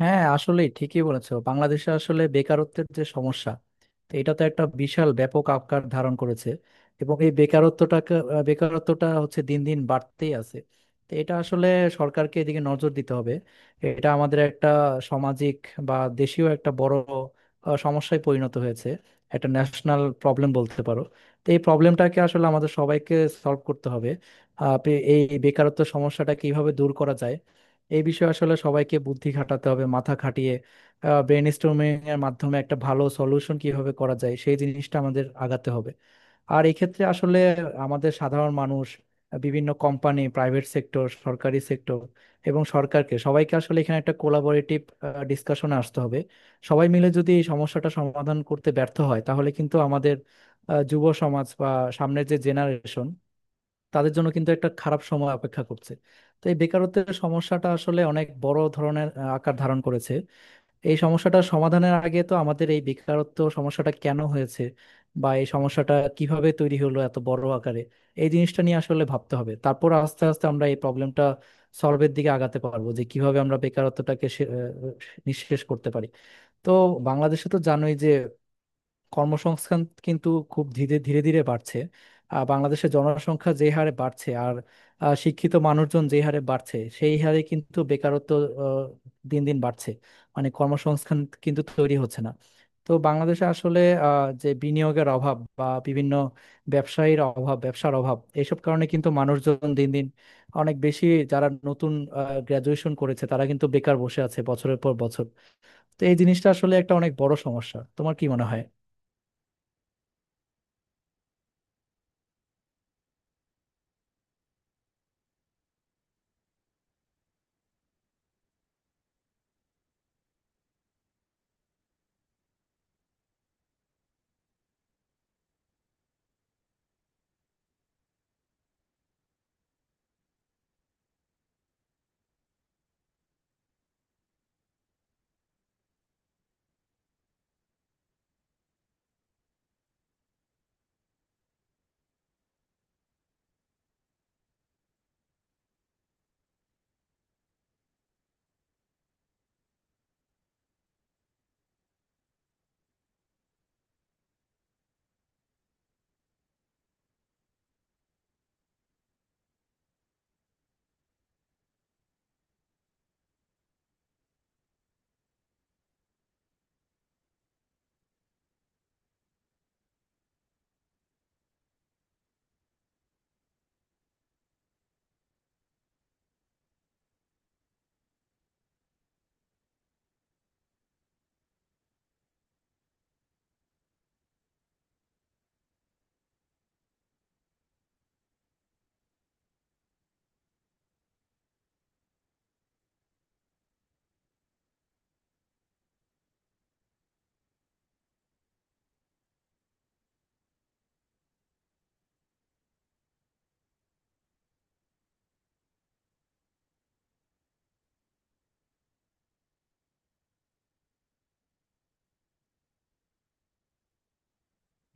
হ্যাঁ, আসলে ঠিকই বলেছো। বাংলাদেশে আসলে বেকারত্বের যে সমস্যা, তো এটা তো একটা বিশাল ব্যাপক আকার ধারণ করেছে। এবং এই বেকারত্বটাকে বেকারত্বটা হচ্ছে দিন দিন বাড়তেই আছে। তো এটা আসলে সরকারকে এদিকে নজর দিতে হবে। এটা আমাদের একটা সামাজিক বা দেশীয় একটা বড় সমস্যায় পরিণত হয়েছে। একটা ন্যাশনাল প্রবলেম বলতে পারো। তো এই প্রবলেমটাকে আসলে আমাদের সবাইকে সলভ করতে হবে। আহ, এই বেকারত্ব সমস্যাটা কিভাবে দূর করা যায়, এই বিষয়ে আসলে সবাইকে বুদ্ধি খাটাতে হবে, মাথা খাটিয়ে ব্রেন স্টর্মিং এর মাধ্যমে একটা ভালো সলিউশন কিভাবে করা যায় সেই জিনিসটা আমাদের আগাতে হবে। আর এই ক্ষেত্রে আসলে আমাদের সাধারণ মানুষ, বিভিন্ন কোম্পানি, প্রাইভেট সেক্টর, সরকারি সেক্টর এবং সরকারকে, সবাইকে আসলে এখানে একটা কোলাবোরেটিভ ডিসকাশনে আসতে হবে। সবাই মিলে যদি এই সমস্যাটা সমাধান করতে ব্যর্থ হয় তাহলে কিন্তু আমাদের যুব সমাজ বা সামনের যে জেনারেশন, তাদের জন্য কিন্তু একটা খারাপ সময় অপেক্ষা করছে। তো এই বেকারত্বের সমস্যাটা আসলে অনেক বড় ধরনের আকার ধারণ করেছে। এই সমস্যাটা সমাধানের আগে তো আমাদের এই বেকারত্ব সমস্যাটা কেন হয়েছে বা এই সমস্যাটা কিভাবে তৈরি হলো এত বড় আকারে, এই জিনিসটা নিয়ে আসলে ভাবতে হবে। তারপর আস্তে আস্তে আমরা এই প্রবলেমটা সলভের দিকে আগাতে পারবো, যে কিভাবে আমরা বেকারত্বটাকে নিঃশেষ করতে পারি। তো বাংলাদেশে তো জানোই যে কর্মসংস্থান কিন্তু খুব ধীরে ধীরে ধীরে বাড়ছে। বাংলাদেশের জনসংখ্যা যে হারে বাড়ছে আর শিক্ষিত মানুষজন যে হারে বাড়ছে, সেই হারে কিন্তু বেকারত্ব আহ, দিন দিন বাড়ছে। মানে কর্মসংস্থান কিন্তু তৈরি হচ্ছে না। তো বাংলাদেশে আসলে যে বিনিয়োগের অভাব বা বিভিন্ন ব্যবসায়ীর অভাব, ব্যবসার অভাব, এইসব কারণে কিন্তু মানুষজন দিন দিন অনেক বেশি, যারা নতুন গ্রাজুয়েশন করেছে তারা কিন্তু বেকার বসে আছে বছরের পর বছর। তো এই জিনিসটা আসলে একটা অনেক বড় সমস্যা। তোমার কি মনে হয়?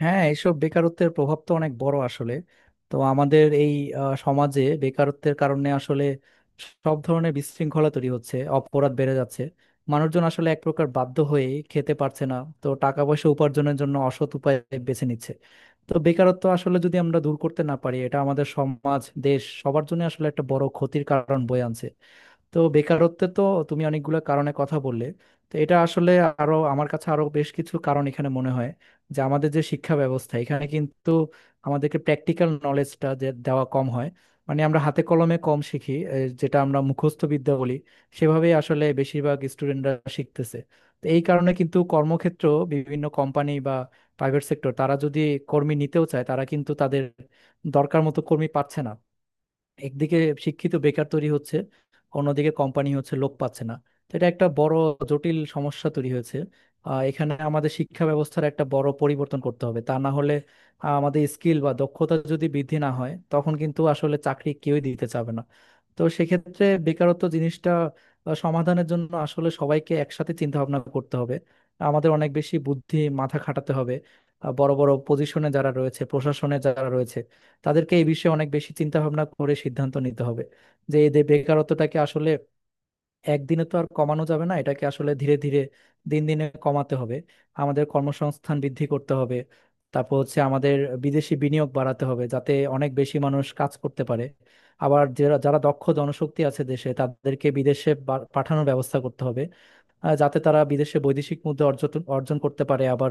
হ্যাঁ, এইসব বেকারত্বের প্রভাব তো অনেক বড় আসলে। তো আমাদের এই সমাজে বেকারত্বের কারণে আসলে সব ধরনের বিশৃঙ্খলা তৈরি হচ্ছে, অপরাধ বেড়ে যাচ্ছে। মানুষজন আসলে এক প্রকার বাধ্য হয়ে খেতে পারছে না। তো টাকা পয়সা উপার্জনের জন্য অসৎ উপায় বেছে নিচ্ছে। তো বেকারত্ব আসলে যদি আমরা দূর করতে না পারি, এটা আমাদের সমাজ, দেশ, সবার জন্য আসলে একটা বড় ক্ষতির কারণ বয়ে আনছে। তো বেকারত্বে তো তুমি অনেকগুলো কারণে কথা বললে। তো এটা আসলে আরো, আমার কাছে আরো বেশ কিছু কারণ এখানে মনে হয়। যে আমাদের যে শিক্ষা ব্যবস্থা, এখানে কিন্তু আমাদেরকে প্র্যাকটিক্যাল নলেজটা যে দেওয়া কম হয়। মানে আমরা হাতে কলমে কম শিখি। যেটা আমরা মুখস্থ বিদ্যা বলি, সেভাবেই আসলে বেশিরভাগ স্টুডেন্টরা শিখতেছে। তো এই কারণে কিন্তু কর্মক্ষেত্র, বিভিন্ন কোম্পানি বা প্রাইভেট সেক্টর, তারা যদি কর্মী নিতেও চায়, তারা কিন্তু তাদের দরকার মতো কর্মী পাচ্ছে না। একদিকে শিক্ষিত বেকার তৈরি হচ্ছে, অন্যদিকে কোম্পানি হচ্ছে লোক পাচ্ছে না। তো এটা একটা বড় জটিল সমস্যা তৈরি হয়েছে। এখানে আমাদের শিক্ষা ব্যবস্থার একটা বড় পরিবর্তন করতে হবে, তা না হলে আমাদের স্কিল বা দক্ষতা যদি বৃদ্ধি না হয়, তখন কিন্তু আসলে চাকরি কেউই দিতে চাবে না। তো সেক্ষেত্রে বেকারত্ব জিনিসটা সমাধানের জন্য আসলে সবাইকে একসাথে চিন্তা ভাবনা করতে হবে। আমাদের অনেক বেশি বুদ্ধি, মাথা খাটাতে হবে। বড় বড় পজিশনে যারা রয়েছে, প্রশাসনে যারা রয়েছে, তাদেরকে এই বিষয়ে অনেক বেশি চিন্তা ভাবনা করে সিদ্ধান্ত নিতে হবে। যে এদের বেকারত্বটাকে আসলে একদিনে তো আর কমানো যাবে না, এটাকে আসলে ধীরে ধীরে, দিন দিনে কমাতে হবে। আমাদের কর্মসংস্থান বৃদ্ধি করতে হবে। তারপর হচ্ছে আমাদের বিদেশি বিনিয়োগ বাড়াতে হবে, যাতে অনেক বেশি মানুষ কাজ করতে পারে। আবার যারা যারা দক্ষ জনশক্তি আছে দেশে, তাদেরকে বিদেশে পাঠানোর ব্যবস্থা করতে হবে, যাতে তারা বিদেশে বৈদেশিক মুদ্রা অর্জন অর্জন করতে পারে, আবার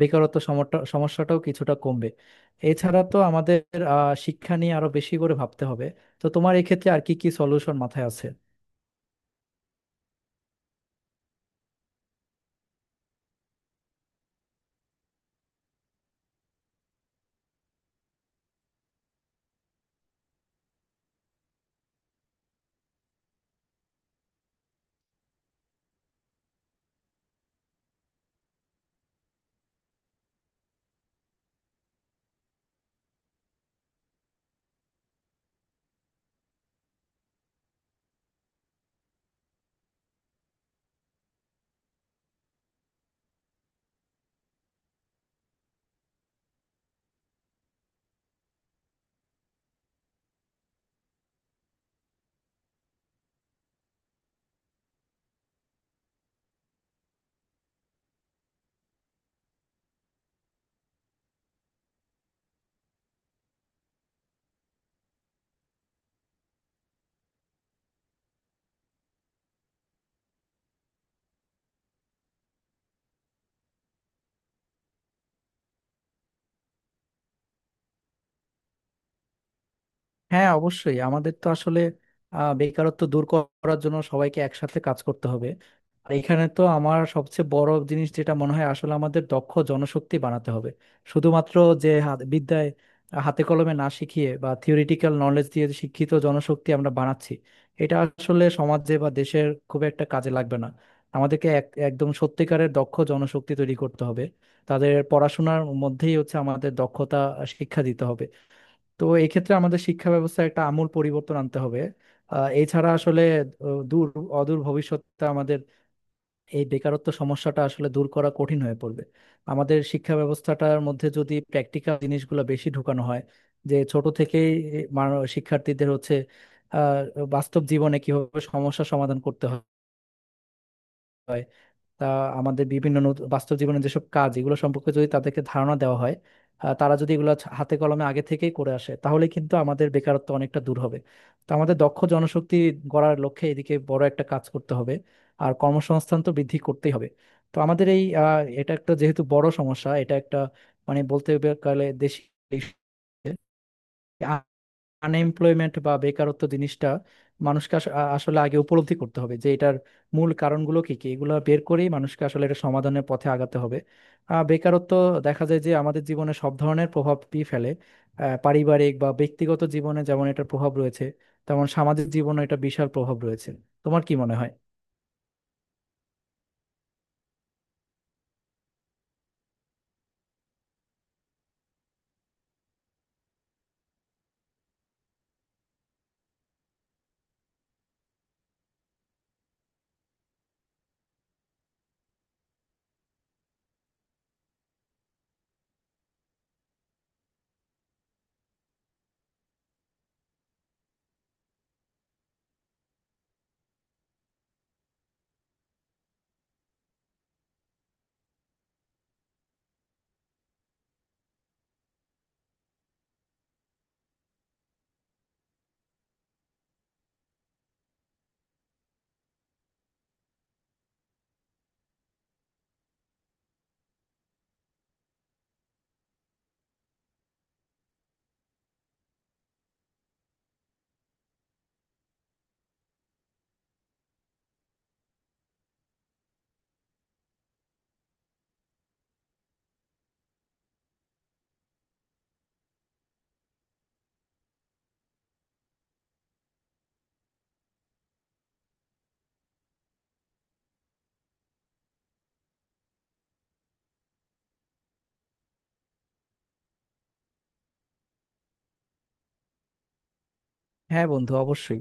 বেকারত্ব সমস্যাটাও কিছুটা কমবে। এছাড়া তো আমাদের শিক্ষা নিয়ে আরো বেশি করে ভাবতে হবে। তো তোমার এক্ষেত্রে আর কি কি সলিউশন মাথায় আছে? হ্যাঁ, অবশ্যই। আমাদের তো আসলে বেকারত্ব দূর করার জন্য সবাইকে একসাথে কাজ করতে হবে। আর এখানে তো আমার সবচেয়ে বড় জিনিস যেটা মনে হয়, আসলে আমাদের দক্ষ জনশক্তি বানাতে হবে। শুধুমাত্র যে হাত বিদ্যায়, হাতে কলমে না শিখিয়ে বা থিওরিটিক্যাল নলেজ দিয়ে যে শিক্ষিত জনশক্তি আমরা বানাচ্ছি, এটা আসলে সমাজে বা দেশের খুব একটা কাজে লাগবে না। আমাদেরকে একদম সত্যিকারের দক্ষ জনশক্তি তৈরি করতে হবে। তাদের পড়াশোনার মধ্যেই হচ্ছে আমাদের দক্ষতা শিক্ষা দিতে হবে। তো এক্ষেত্রে আমাদের শিক্ষা ব্যবস্থায় একটা আমূল পরিবর্তন আনতে হবে। এছাড়া আসলে আহ, দূর অদূর ভবিষ্যতে আমাদের এই বেকারত্ব সমস্যাটা আসলে দূর করা কঠিন হয়ে পড়বে। আমাদের শিক্ষা ব্যবস্থাটার মধ্যে যদি প্র্যাকটিক্যাল জিনিসগুলো বেশি ঢুকানো হয়, যে ছোট থেকেই শিক্ষার্থীদের হচ্ছে বাস্তব জীবনে কিভাবে সমস্যা সমাধান করতে হয় তা, আমাদের বিভিন্ন বাস্তব জীবনের যেসব কাজ, এগুলো সম্পর্কে যদি তাদেরকে ধারণা দেওয়া হয়, তারা যদি এগুলো হাতে কলমে আগে থেকেই করে আসে, তাহলে কিন্তু আমাদের বেকারত্ব অনেকটা দূর হবে। তো আমাদের দক্ষ জনশক্তি গড়ার লক্ষ্যে এদিকে বড় একটা কাজ করতে হবে। আর কর্মসংস্থান তো বৃদ্ধি করতেই হবে। তো আমাদের এই এটা একটা যেহেতু বড় সমস্যা, এটা একটা মানে বলতে গেলে দেশি আনএমপ্লয়মেন্ট বা বেকারত্ব জিনিসটা, মানুষকে আসলে আগে উপলব্ধি করতে হবে যে এটার মূল কারণগুলো কি কি, এগুলো বের করেই মানুষকে আসলে এটা সমাধানের পথে আগাতে হবে। বেকারত্ব দেখা যায় যে আমাদের জীবনে সব ধরনের প্রভাবই ফেলে। পারিবারিক বা ব্যক্তিগত জীবনে যেমন এটার প্রভাব রয়েছে, তেমন সামাজিক জীবনে এটা বিশাল প্রভাব রয়েছে। তোমার কি মনে হয়? হ্যাঁ বন্ধু, অবশ্যই।